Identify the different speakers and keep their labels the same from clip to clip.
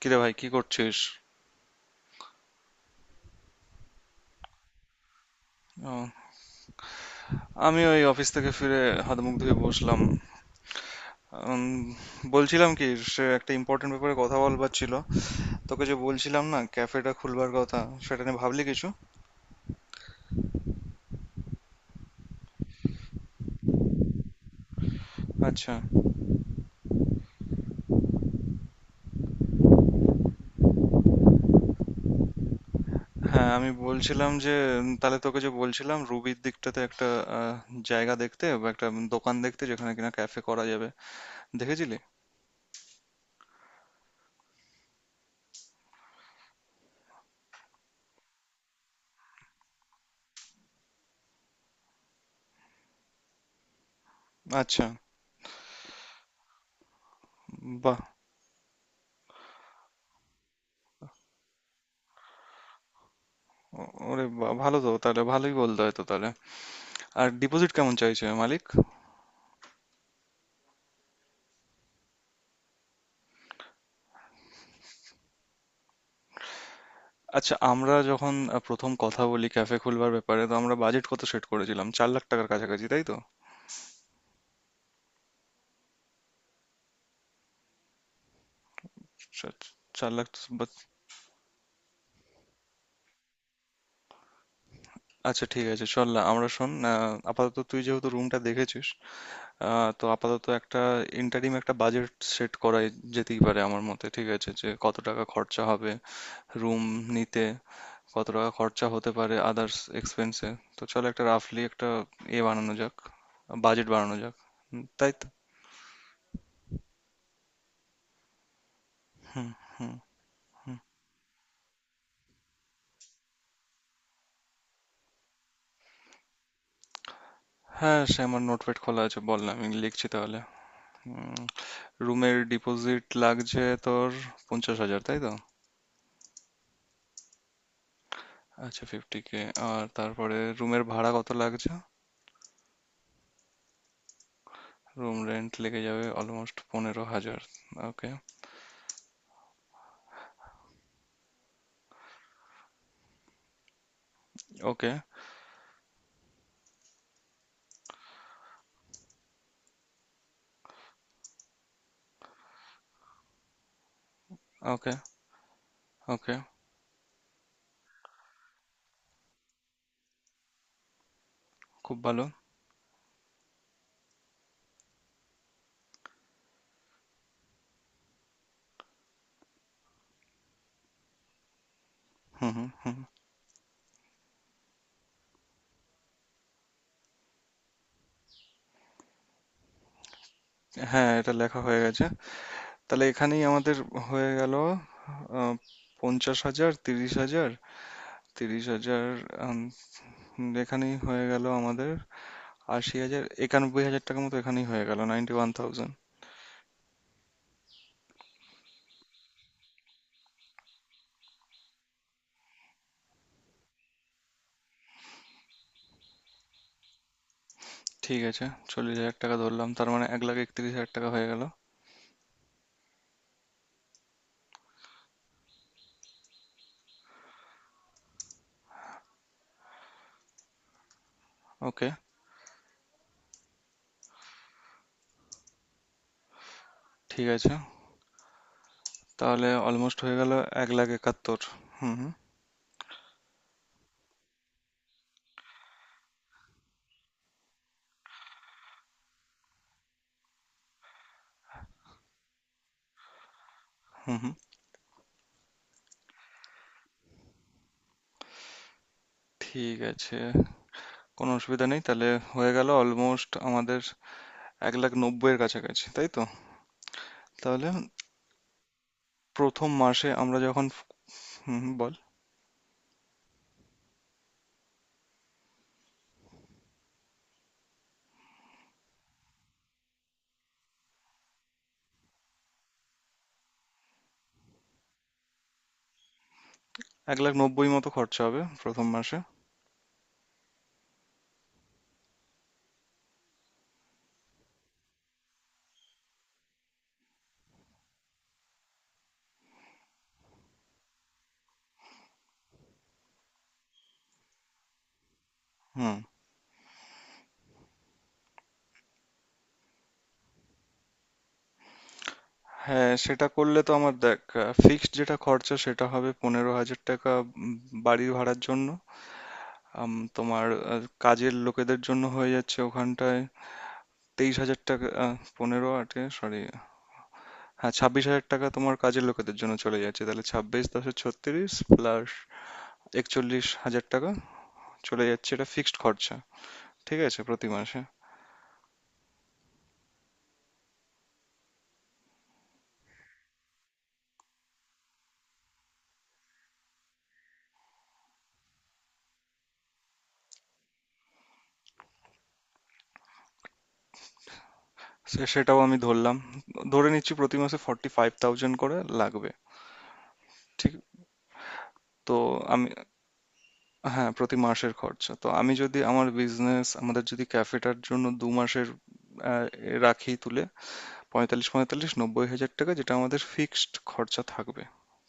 Speaker 1: কিরে ভাই, কি করছিস? ও, আমি ওই অফিস থেকে ফিরে হাত মুখ ধুয়ে বসলাম। উম, বলছিলাম কি, সে একটা ইম্পর্টেন্ট ব্যাপারে কথা বলবার ছিল। তোকে যে বলছিলাম না ক্যাফেটা খুলবার কথা, সেটা নিয়ে ভাবলি কিছু? আচ্ছা। হ্যাঁ, আমি বলছিলাম যে তাহলে তোকে যে বলছিলাম রুবির দিকটাতে একটা আহ, জায়গা দেখতে বা একটা দোকান দেখতে, যেখানে কিনা ক্যাফে করা যাবে, দেখেছিলি? আচ্ছা। বাহ। ওরে বাহ, ভালো তো, তাহলে ভালোই বলতে হয় তো তাহলে। আর ডিপোজিট কেমন চাইছে মালিক? আচ্ছা, আমরা যখন প্রথম কথা বলি ক্যাফে খুলবার ব্যাপারে, তো আমরা বাজেট কত সেট করেছিলাম, 4 লাখ টাকার কাছাকাছি, তাই তো? চার 4 লাখ। বা- আচ্ছা ঠিক আছে, চল না আমরা শোন, আপাতত তুই যেহেতু রুমটা দেখেছিস, তো আপাতত একটা ইন্টারিম একটা বাজেট সেট করা যেতেই পারে আমার মতে। ঠিক আছে, যে কত টাকা খরচা হবে রুম নিতে, কত টাকা খরচা হতে পারে আদার্স এক্সপেন্সে। তো চল, একটা রাফলি একটা এ বানানো যাক, বাজেট বানানো যাক। হুম, তাই তো। হুম হুম। হ্যাঁ, সে আমার নোটপ্যাড খোলা আছে, বল না, আমি লিখছি তাহলে। রুমের ডিপোজিট লাগছে তোর 50,000, তাই তো? আচ্ছা, 50K। আর তারপরে রুমের ভাড়া কত লাগছে? রুম রেন্ট লেগে যাবে অলমোস্ট 15,000। ওকে। ওকে। ওকে। ওকে। খুব ভালো। হুম হুম হুম। হ্যাঁ, এটা লেখা হয়ে গেছে। তাহলে এখানেই আমাদের হয়ে গেল। আহ, 50,000, 30,000, 30,000। আম, এখানেই হয়ে গেল আমাদের 80,000, 91,000 টাকার মতো এখানেই হয়ে গেল, 91,000। ঠিক আছে, 40,000 টাকা ধরলাম, তার মানে 1,31,000 টাকা হয়ে গেল। ওকে। ঠিক আছে, তাহলে অলমোস্ট হয়ে গেল 1,71,000। হুম হুম। হুম হুম। ঠিক আছে, কোনো অসুবিধা নেই তাহলে। হয়ে গেল অলমোস্ট আমাদের 1,90,000-এর কাছাকাছি, তাই তো? তাহলে প্রথম মাসে আমরা যখন হুম হুম, বল 1,90,000 মতো খরচা হবে প্রথম মাসে। হুম। হ্যাঁ, সেটা করলে তো আমার দেখ ফিক্সড যেটা খরচা সেটা হবে 15,000 টাকা উম, বাড়ি ভাড়ার জন্য। তোমার কাজের লোকেদের জন্য হয়ে যাচ্ছে ওখানটায় 23,000 টাকা, পনেরো আটে, সরি। হ্যাঁ, 26,000 টাকা তোমার কাজের লোকেদের জন্য চলে যাচ্ছে, তাহলে ছাব্বিশ দশে ছত্রিশ প্লাস 41,000 টাকা চলে যাচ্ছে। এটা ফিক্সড খরচা। ঠিক আছে, প্রতি মাসে। সেটাও আমি ধরলাম, ধরে নিচ্ছি প্রতি মাসে 45,000 করে লাগবে। ঠিক। তো আমি, হ্যাঁ প্রতি মাসের খরচা তো আমি যদি আমার বিজনেস আমাদের যদি ক্যাফেটার জন্য 2 মাসের আহ, এ রাখি তুলে, পঁয়তাল্লিশ পঁয়তাল্লিশ 90,000 টাকা যেটা আমাদের ফিক্সড খরচা থাকবে।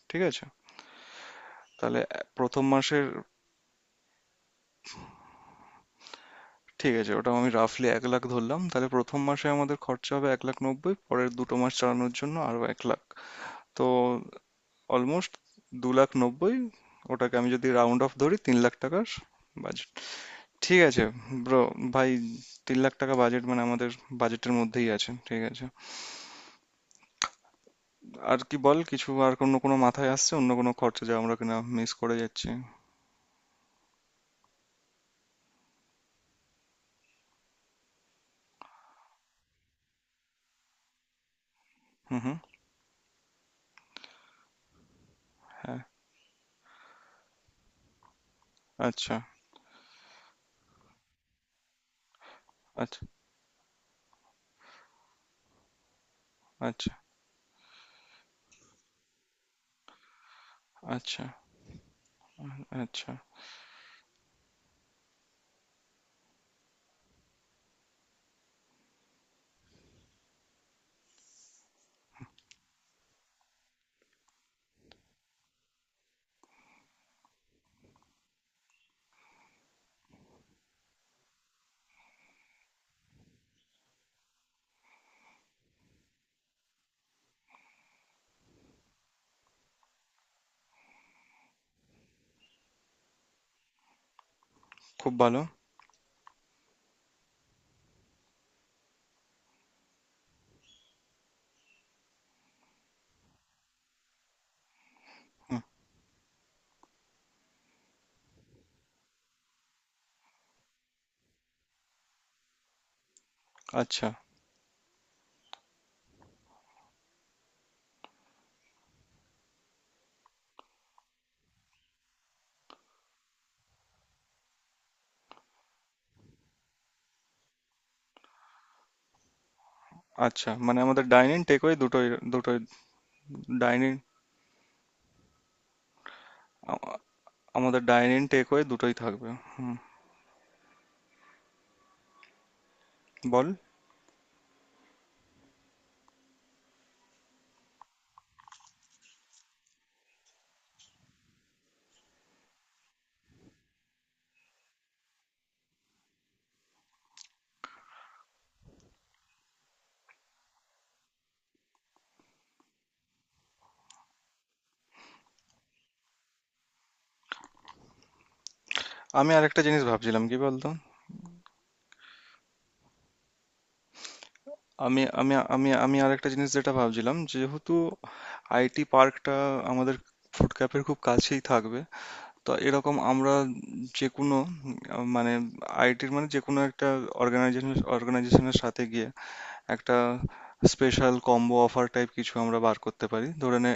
Speaker 1: ঠিক আছে, তাহলে প্রথম মাসের। ঠিক আছে, ওটা আমি রাফলি 1,00,000 ধরলাম তাহলে। প্রথম মাসে আমাদের খরচা হবে 1,90,000, পরের 2 মাস চালানোর জন্য আরো 1,00,000, তো অলমোস্ট 2,90,000। ওটাকে আমি যদি রাউন্ড অফ ধরি, 3,00,000 টাকার বাজেট। ঠিক আছে ব্রো, ভাই, 3,00,000 টাকা বাজেট মানে আমাদের বাজেটের মধ্যেই আছে। ঠিক আছে। আর কি বল, কিছু আর অন্য কোনো মাথায় আসছে, অন্য কোনো খরচা যা আমরা কিনা মিস করে যাচ্ছি? হুম হুম। হ্যাঁ। আচ্ছা। আচ্ছা। আচ্ছা। আচ্ছা। আচ্ছা। খুব ভালো। হুম। আচ্ছা, আচ্ছা, মানে আমাদের ডাইনিং টেকওয়ে দুটোই দুটোই ডাইনিং। আমাদের ডাইনিং টেকওয়ে দুটোই থাকবে। হুম। বল। আমি আরেকটা জিনিস ভাবছিলাম, কি বলতো। আমি আমি আমি আমি আরেকটা জিনিস যেটা ভাবছিলাম, যেহেতু IT পার্কটা আমাদের ফুড ক্যাফের খুব কাছেই থাকবে, তো এরকম আমরা যে কোনো মানে IT-র মানে যে কোনো একটা অর্গানাইজেশন, অর্গানাইজেশনের সাথে গিয়ে একটা স্পেশাল কম্বো অফার টাইপ কিছু আমরা বার করতে পারি। ধরে নে,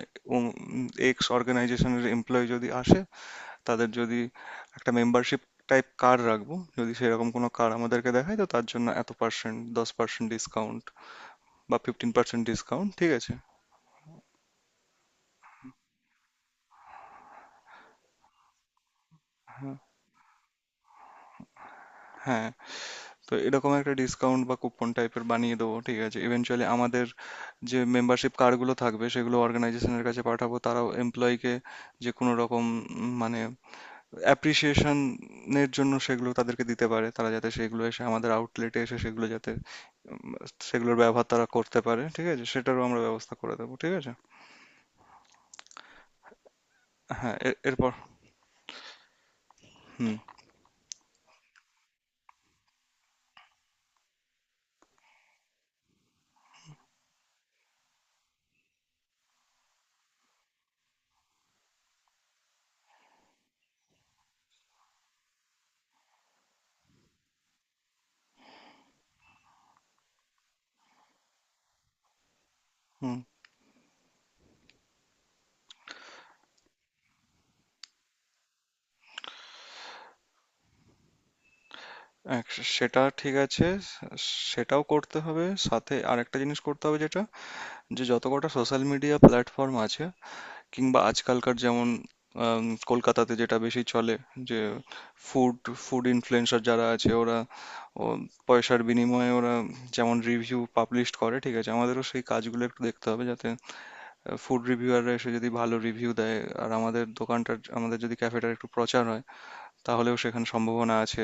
Speaker 1: এক্স অর্গানাইজেশনের এমপ্লয়ি যদি আসে, তাদের যদি একটা মেম্বারশিপ টাইপ কার্ড রাখবো, যদি সেরকম কোনো কার্ড আমাদেরকে দেখায়, তো তার জন্য এত পার্সেন্ট, 10% ডিসকাউন্ট বা 15% ডিসকাউন্ট। ঠিক আছে। হ্যাঁ, তো এরকম একটা ডিসকাউন্ট বা কুপন টাইপের বানিয়ে দেবো। ঠিক আছে। ইভেনচুয়ালি আমাদের যে মেম্বারশিপ কার্ডগুলো থাকবে সেগুলো অর্গানাইজেশনের কাছে পাঠাবো, তারাও এমপ্লয়িকে যে কোনো রকম মানে অ্যাপ্রিসিয়েশনের জন্য সেগুলো তাদেরকে দিতে পারে, তারা যাতে সেগুলো এসে আমাদের আউটলেটে এসে সেগুলো যাতে সেগুলোর ব্যবহার তারা করতে পারে। ঠিক আছে, সেটারও আমরা ব্যবস্থা করে দেবো। ঠিক আছে। হ্যাঁ, এরপর হুম হুম এক, সেটা ঠিক আছে। সেটাও করতে হবে, সাথে আরেকটা জিনিস করতে হবে, যেটা যে যত কটা সোশ্যাল মিডিয়া প্ল্যাটফর্ম আছে, কিংবা আজকালকার যেমন আম, কলকাতাতে যেটা বেশি চলে, যে ফুড, ইনফ্লুয়েন্সার যারা আছে ওরা, ও, পয়সার বিনিময়ে ওরা যেমন রিভিউ পাবলিশ করে। ঠিক আছে, আমাদেরও সেই কাজগুলো একটু দেখতে হবে, যাতে ফুড রিভিউয়াররা এসে যদি ভালো রিভিউ দেয়, আর আমাদের দোকানটার, আমাদের যদি ক্যাফেটার একটু প্রচার হয়, তাহলেও সেখানে সম্ভাবনা আছে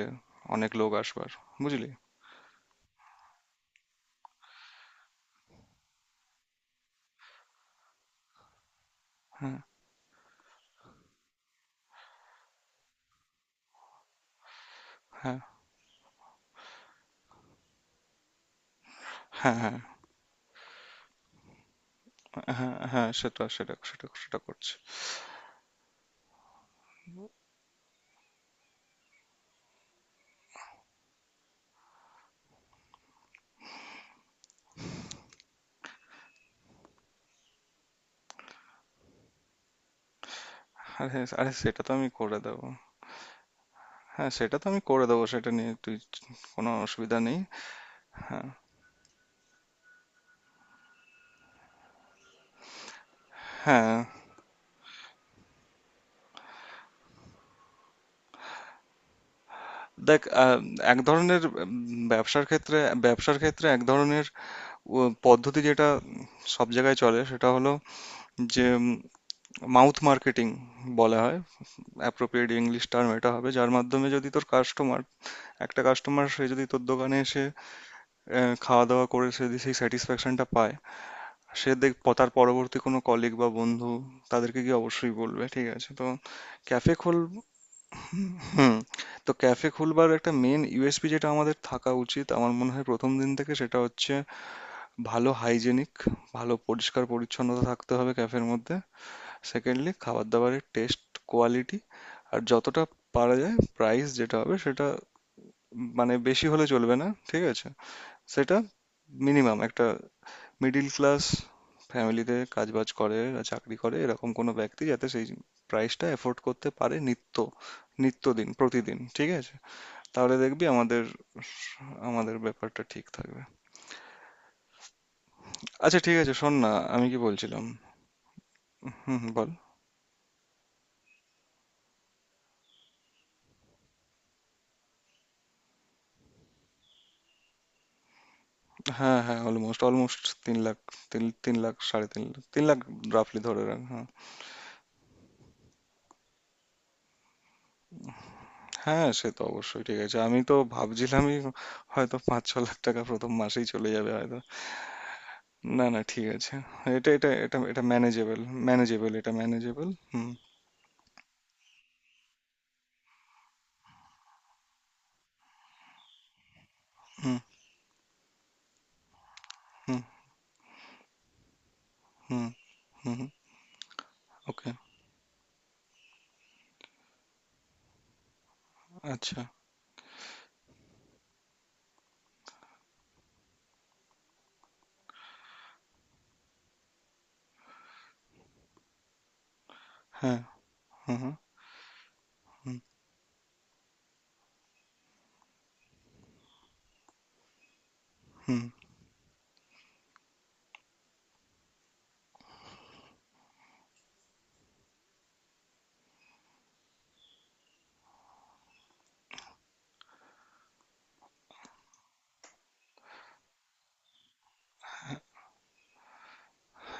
Speaker 1: অনেক লোক আসবার। বুঝলি? হ্যাঁ, হ্যাঁ, হ্যাঁ, হ্যাঁ, হ্যাঁ, হ্যাঁ, সেটা সেটা সেটা সেটা করছি। আরে আরে, সেটা তো আমি করে দেবো। হ্যাঁ, সেটা তো আমি করে দেবো, সেটা নিয়ে তুই কোনো অসুবিধা নেই। হ্যাঁ, হ্যাঁ। দেখ, এক ধরনের ব্যবসার ক্ষেত্রে, ব্যবসার ক্ষেত্রে এক ধরনের উ, পদ্ধতি যেটা সব জায়গায় চলে, সেটা হলো যে মাউথ মার্কেটিং বলা হয়, অ্যাপ্রোপ্রিয়েট ইংলিশ টার্ম এটা হবে, যার মাধ্যমে যদি তোর কাস্টমার, একটা কাস্টমার সে যদি তোর দোকানে এসে খাওয়া দাওয়া করে, সে যদি সেই স্যাটিসফ্যাকশনটা পায়, সে দেখ, তার পরবর্তী কোনো কলিগ বা বন্ধু তাদেরকে গিয়ে অবশ্যই বলবে। ঠিক আছে তো, ক্যাফে খোল। হুম। তো ক্যাফে খুলবার একটা মেন USP যেটা আমাদের থাকা উচিত আমার মনে হয় প্রথম দিন থেকে, সেটা হচ্ছে ভালো হাইজেনিক, ভালো পরিষ্কার পরিচ্ছন্নতা থাকতে হবে ক্যাফের মধ্যে। সেকেন্ডলি, খাবার দাবারের টেস্ট, কোয়ালিটি। আর যতটা পারা যায় প্রাইস যেটা হবে সেটা মানে বেশি হলে চলবে না। ঠিক আছে, সেটা মিনিমাম একটা মিডিল ক্লাস ফ্যামিলিতে কাজবাজ করে বা চাকরি করে এরকম কোনো ব্যক্তি যাতে সেই প্রাইসটা এফোর্ড করতে পারে, নিত্য, নিত্যদিন, প্রতিদিন। ঠিক আছে, তাহলে দেখবি আমাদের, আমাদের ব্যাপারটা ঠিক থাকবে। আচ্ছা ঠিক আছে, শোন না আমি কি বলছিলাম। হুম হুম, বল। হ্যাঁ, হ্যাঁ, অলমোস্ট অলমোস্ট 3,00,000। তিন তিন লাখ, 3.5 লাখ, 3,00,000। রাফলি ধরে রাখ, হ্যাঁ। হ্যাঁ সে তো অবশ্যই ঠিক আছে, আমি তো ভাবছিলামই হয়তো 5-6 লাখ টাকা প্রথম মাসেই চলে যাবে হয়তো। না না, ঠিক আছে, এটা এটা এটা এটা ম্যানেজেবল, ম্যানেজেবল, এটা ম্যানেজেবল। হুম হুম হুম হুম হুম। ওকে। আচ্ছা। হ্যাঁ। হুম হুম হুম হুম।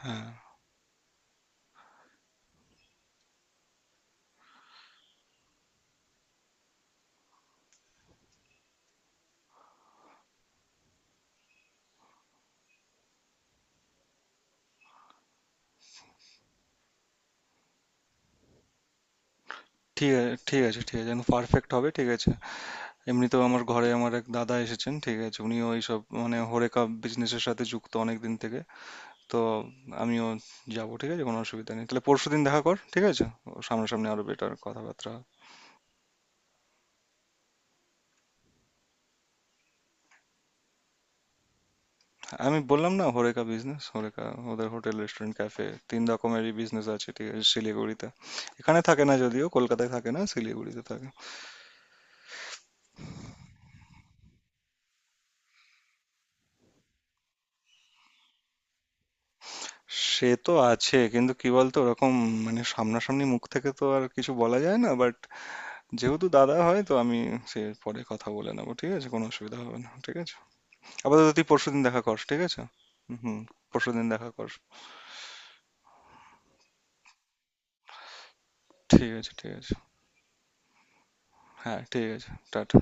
Speaker 1: হ্যাঁ ঠিক আছে, ঠিক আছে, ঠিক আছে, একদম পারফেক্ট হবে, ঠিক আছে। এমনিতেও আমার ঘরে আমার এক দাদা এসেছেন, ঠিক আছে, উনিও এইসব মানে হরেকা বিজনেসের সাথে যুক্ত অনেক দিন থেকে, তো আমিও যাব, ঠিক আছে, কোনো অসুবিধা নেই। তাহলে পরশুদিন দেখা কর, ঠিক আছে, ও সামনাসামনি আরো বেটার কথাবার্তা। আমি বললাম না, হরেকা বিজনেস হরেকা, ওদের হোটেল রেস্টুরেন্ট ক্যাফে তিন রকমেরই বিজনেস আছে, ঠিক আছে, শিলিগুড়িতে। এখানে থাকে না যদিও, কলকাতায় থাকে না, শিলিগুড়িতে থাকে। সে তো আছে, কিন্তু কি বলতো, ওরকম মানে সামনাসামনি মুখ থেকে তো আর কিছু বলা যায় না, বাট যেহেতু দাদা হয় তো আমি, সে পরে কথা বলে নেবো, ঠিক আছে, কোনো অসুবিধা হবে না। ঠিক আছে, আপাতত তুই পরশুদিন দেখা কর, ঠিক আছে। হুম, পরশুদিন দেখা কর। ঠিক আছে, ঠিক আছে। হ্যাঁ ঠিক আছে, টাটা।